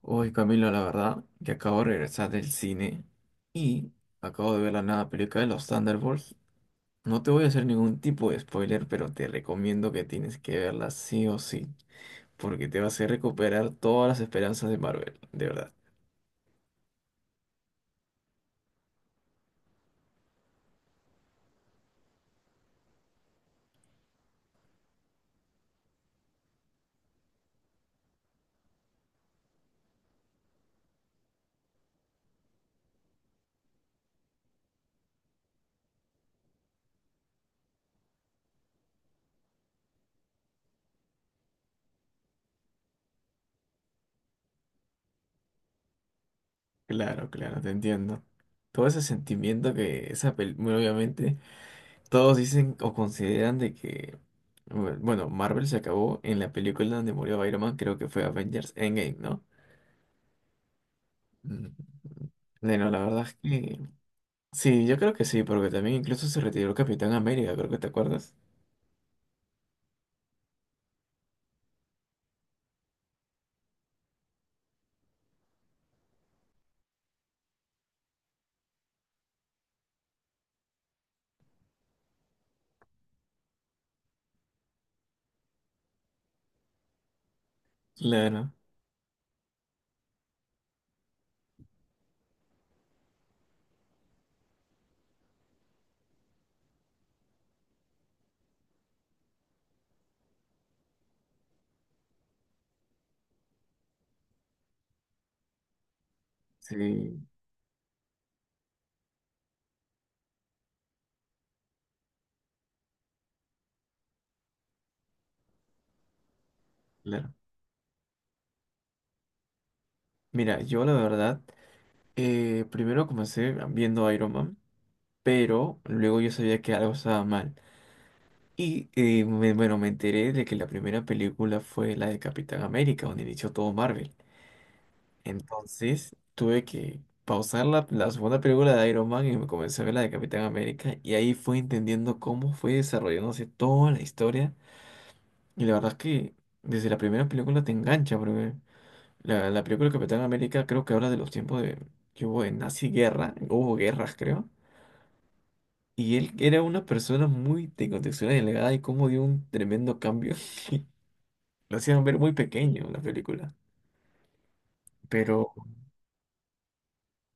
Hoy Camilo, la verdad que acabo de regresar del cine y acabo de ver la nueva película de los Thunderbolts. No te voy a hacer ningún tipo de spoiler, pero te recomiendo que tienes que verla sí o sí, porque te va a hacer recuperar todas las esperanzas de Marvel, de verdad. Claro, claro, te entiendo. Todo ese sentimiento que esa película, obviamente, todos dicen o consideran de que, bueno, Marvel se acabó en la película donde murió Iron Man, creo que fue Avengers Endgame, ¿no? Mm. Bueno, la verdad es que sí, yo creo que sí, porque también incluso se retiró Capitán América, creo que te acuerdas. Claro, sí, claro. Mira, yo la verdad, primero comencé viendo Iron Man, pero luego yo sabía que algo estaba mal. Y bueno, me enteré de que la primera película fue la de Capitán América, donde inició todo Marvel. Entonces tuve que pausar la segunda película de Iron Man y me comencé a ver la de Capitán América, y ahí fui entendiendo cómo fue desarrollándose toda la historia. Y la verdad es que desde la primera película te engancha, porque la película Capitán América creo que habla de los tiempos de que hubo de nazi guerra, hubo guerras creo, y él era una persona muy de contextura delgada y cómo dio un tremendo cambio. Lo hacían ver muy pequeño en la película, pero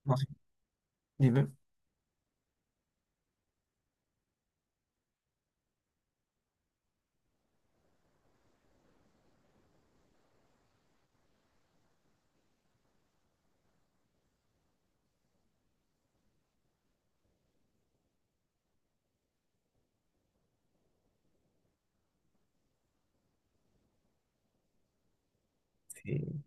no sé, dime. Sí,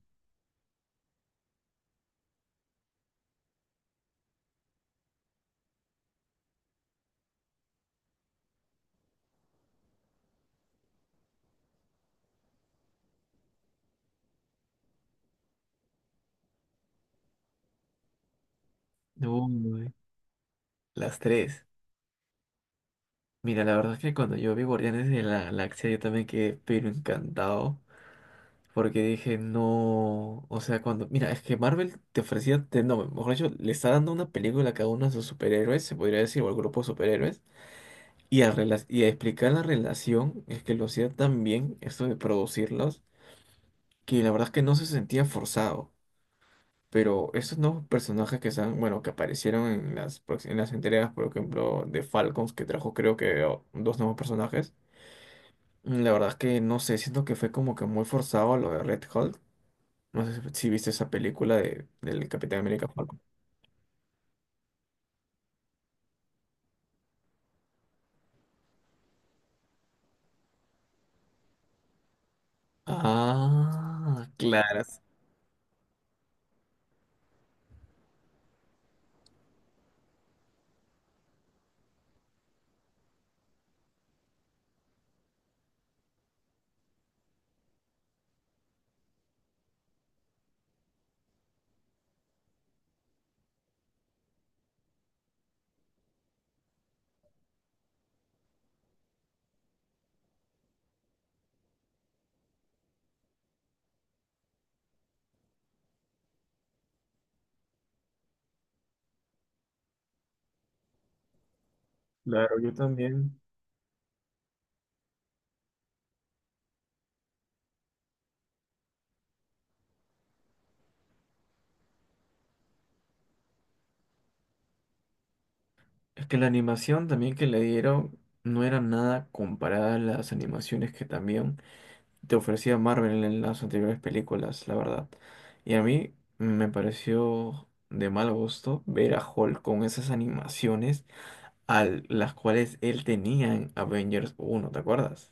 uy, las tres. Mira, la verdad es que cuando yo vi Guardianes de la Galaxia yo también quedé pero encantado. Porque dije, no, o sea, cuando, mira, es que Marvel te ofrecía, no, mejor dicho, le está dando una película a cada uno de sus superhéroes, se podría decir, o al grupo de superhéroes, y y a explicar la relación, es que lo hacía tan bien, esto de producirlos, que la verdad es que no se sentía forzado. Pero esos nuevos personajes que están, bueno, que aparecieron en en las entregas, por ejemplo, de Falcons, que trajo creo que oh, dos nuevos personajes, la verdad es que no sé, siento que fue como que muy forzado lo de Red Hulk. No sé si viste esa película de, del Capitán América Falcon. Ah, claro, claro, yo también. Es que la animación también que le dieron no era nada comparada a las animaciones que también te ofrecía Marvel en las anteriores películas, la verdad. Y a mí me pareció de mal gusto ver a Hulk con esas animaciones a las cuales él tenía en Avengers uno, ¿te acuerdas?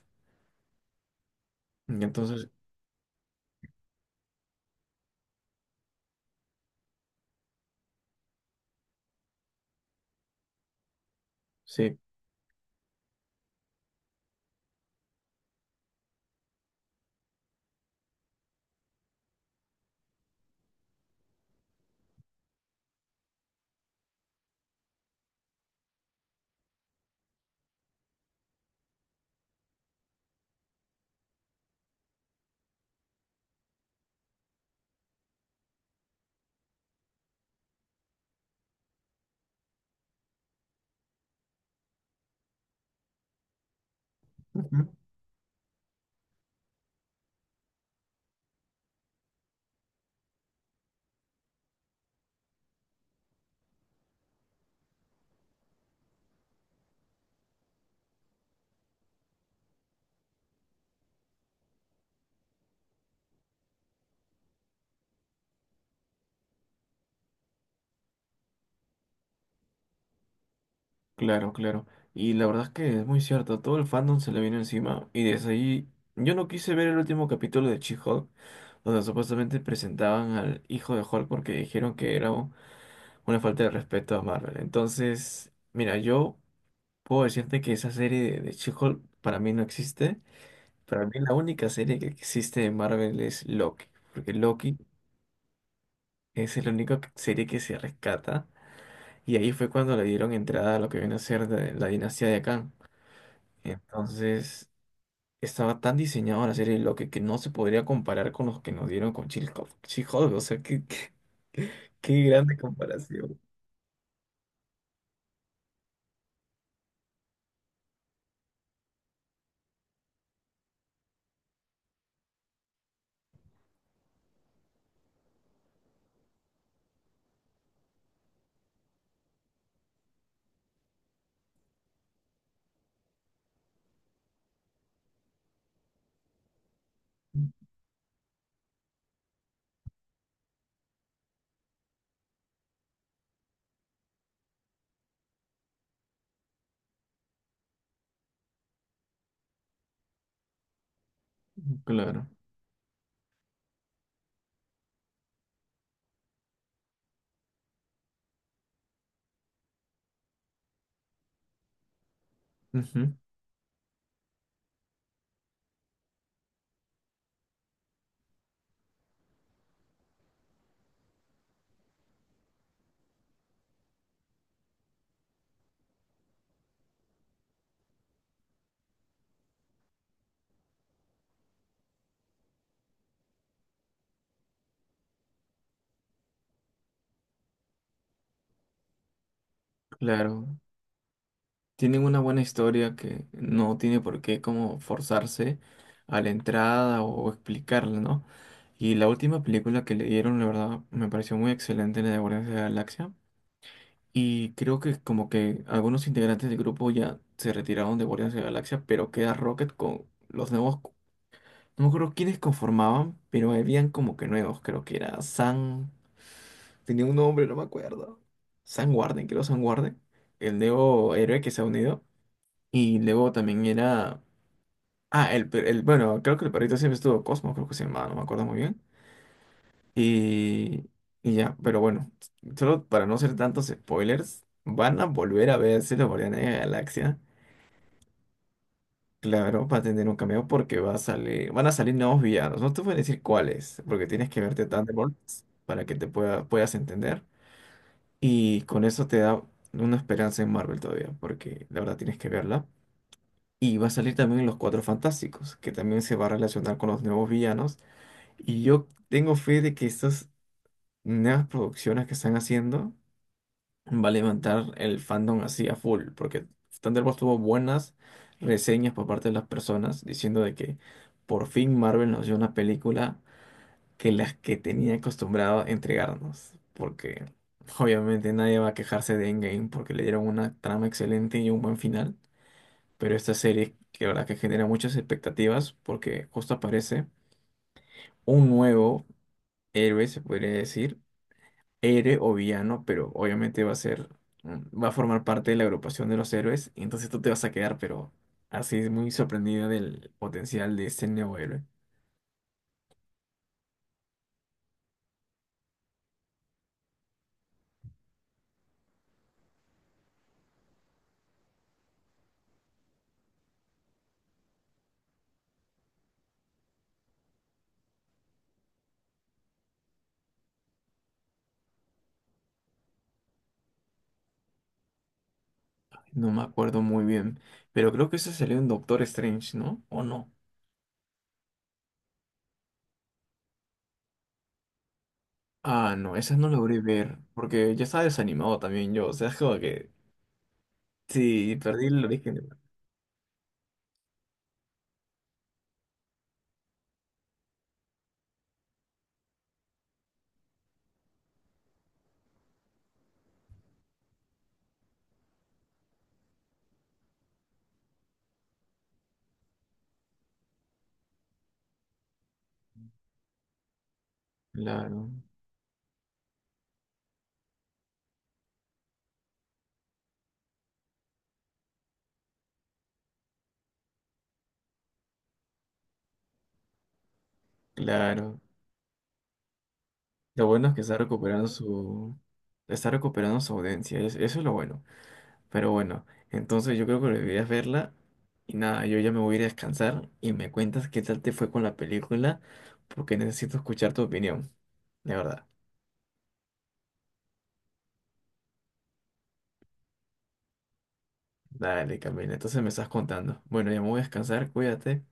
Y entonces, sí. Claro, claro. Y la verdad es que es muy cierto, todo el fandom se le vino encima y desde ahí yo no quise ver el último capítulo de She-Hulk, donde supuestamente presentaban al hijo de Hulk porque dijeron que era una falta de respeto a Marvel. Entonces, mira, yo puedo decirte que esa serie de She-Hulk para mí no existe. Para mí la única serie que existe de Marvel es Loki, porque Loki es la única serie que se rescata y ahí fue cuando le dieron entrada a lo que viene a ser de la dinastía de Kang. Entonces, estaba tan diseñado la serie de Loki que no se podría comparar con los que nos dieron con Chilco, hulk She-Hulk, o sea, qué grande comparación. Claro, ujú, claro. Tienen una buena historia que no tiene por qué como forzarse a la entrada o explicarla, ¿no? Y la última película que le dieron, la verdad, me pareció muy excelente, la de Guardianes de la Galaxia. Y creo que como que algunos integrantes del grupo ya se retiraron de Guardianes de la Galaxia, pero queda Rocket con los nuevos. No me acuerdo quiénes conformaban, pero habían como que nuevos, creo que era San... Tenía un nombre, no me acuerdo. San Warden, creo San Warden. El nuevo héroe que se ha unido. Y luego también era... Ah, Bueno, creo que el perrito siempre estuvo Cosmo, creo que se llamaba, no me acuerdo muy bien. Y... y ya, pero bueno. Solo para no hacer tantos spoilers, van a volver a verse los Guardianes de la Galaxia. Claro, va a tener un cameo porque va a salir, van a salir nuevos villanos. No te voy a decir cuáles, porque tienes que verte Thunderbolts para que te puedas entender. Y con eso te da una esperanza en Marvel todavía, porque la verdad tienes que verla. Y va a salir también Los Cuatro Fantásticos, que también se va a relacionar con los nuevos villanos. Y yo tengo fe de que estas nuevas producciones que están haciendo va a levantar el fandom así a full, porque Thunderbolts tuvo buenas reseñas por parte de las personas diciendo de que por fin Marvel nos dio una película que las que tenía acostumbrado a entregarnos, porque obviamente nadie va a quejarse de Endgame porque le dieron una trama excelente y un buen final, pero esta serie que la verdad que genera muchas expectativas porque justo aparece un nuevo héroe, se podría decir, Ere o villano, pero obviamente va a ser, mm, va a formar parte de la agrupación de los héroes, y entonces tú te vas a quedar, pero así es muy sorprendida del potencial de este nuevo héroe. No me acuerdo muy bien, pero creo que eso salió en Doctor Strange, ¿no? ¿O no? Ah, no, esas no logré ver, porque ya estaba desanimado también yo, o sea, es como que sí, perdí el origen. De... Claro, claro. Lo bueno es que está recuperando está recuperando su audiencia, eso es lo bueno. Pero bueno, entonces yo creo que deberías verla. Y nada, yo ya me voy a ir a descansar y me cuentas qué tal te fue con la película, porque necesito escuchar tu opinión, de verdad. Dale, Camila, entonces me estás contando. Bueno, ya me voy a descansar, cuídate.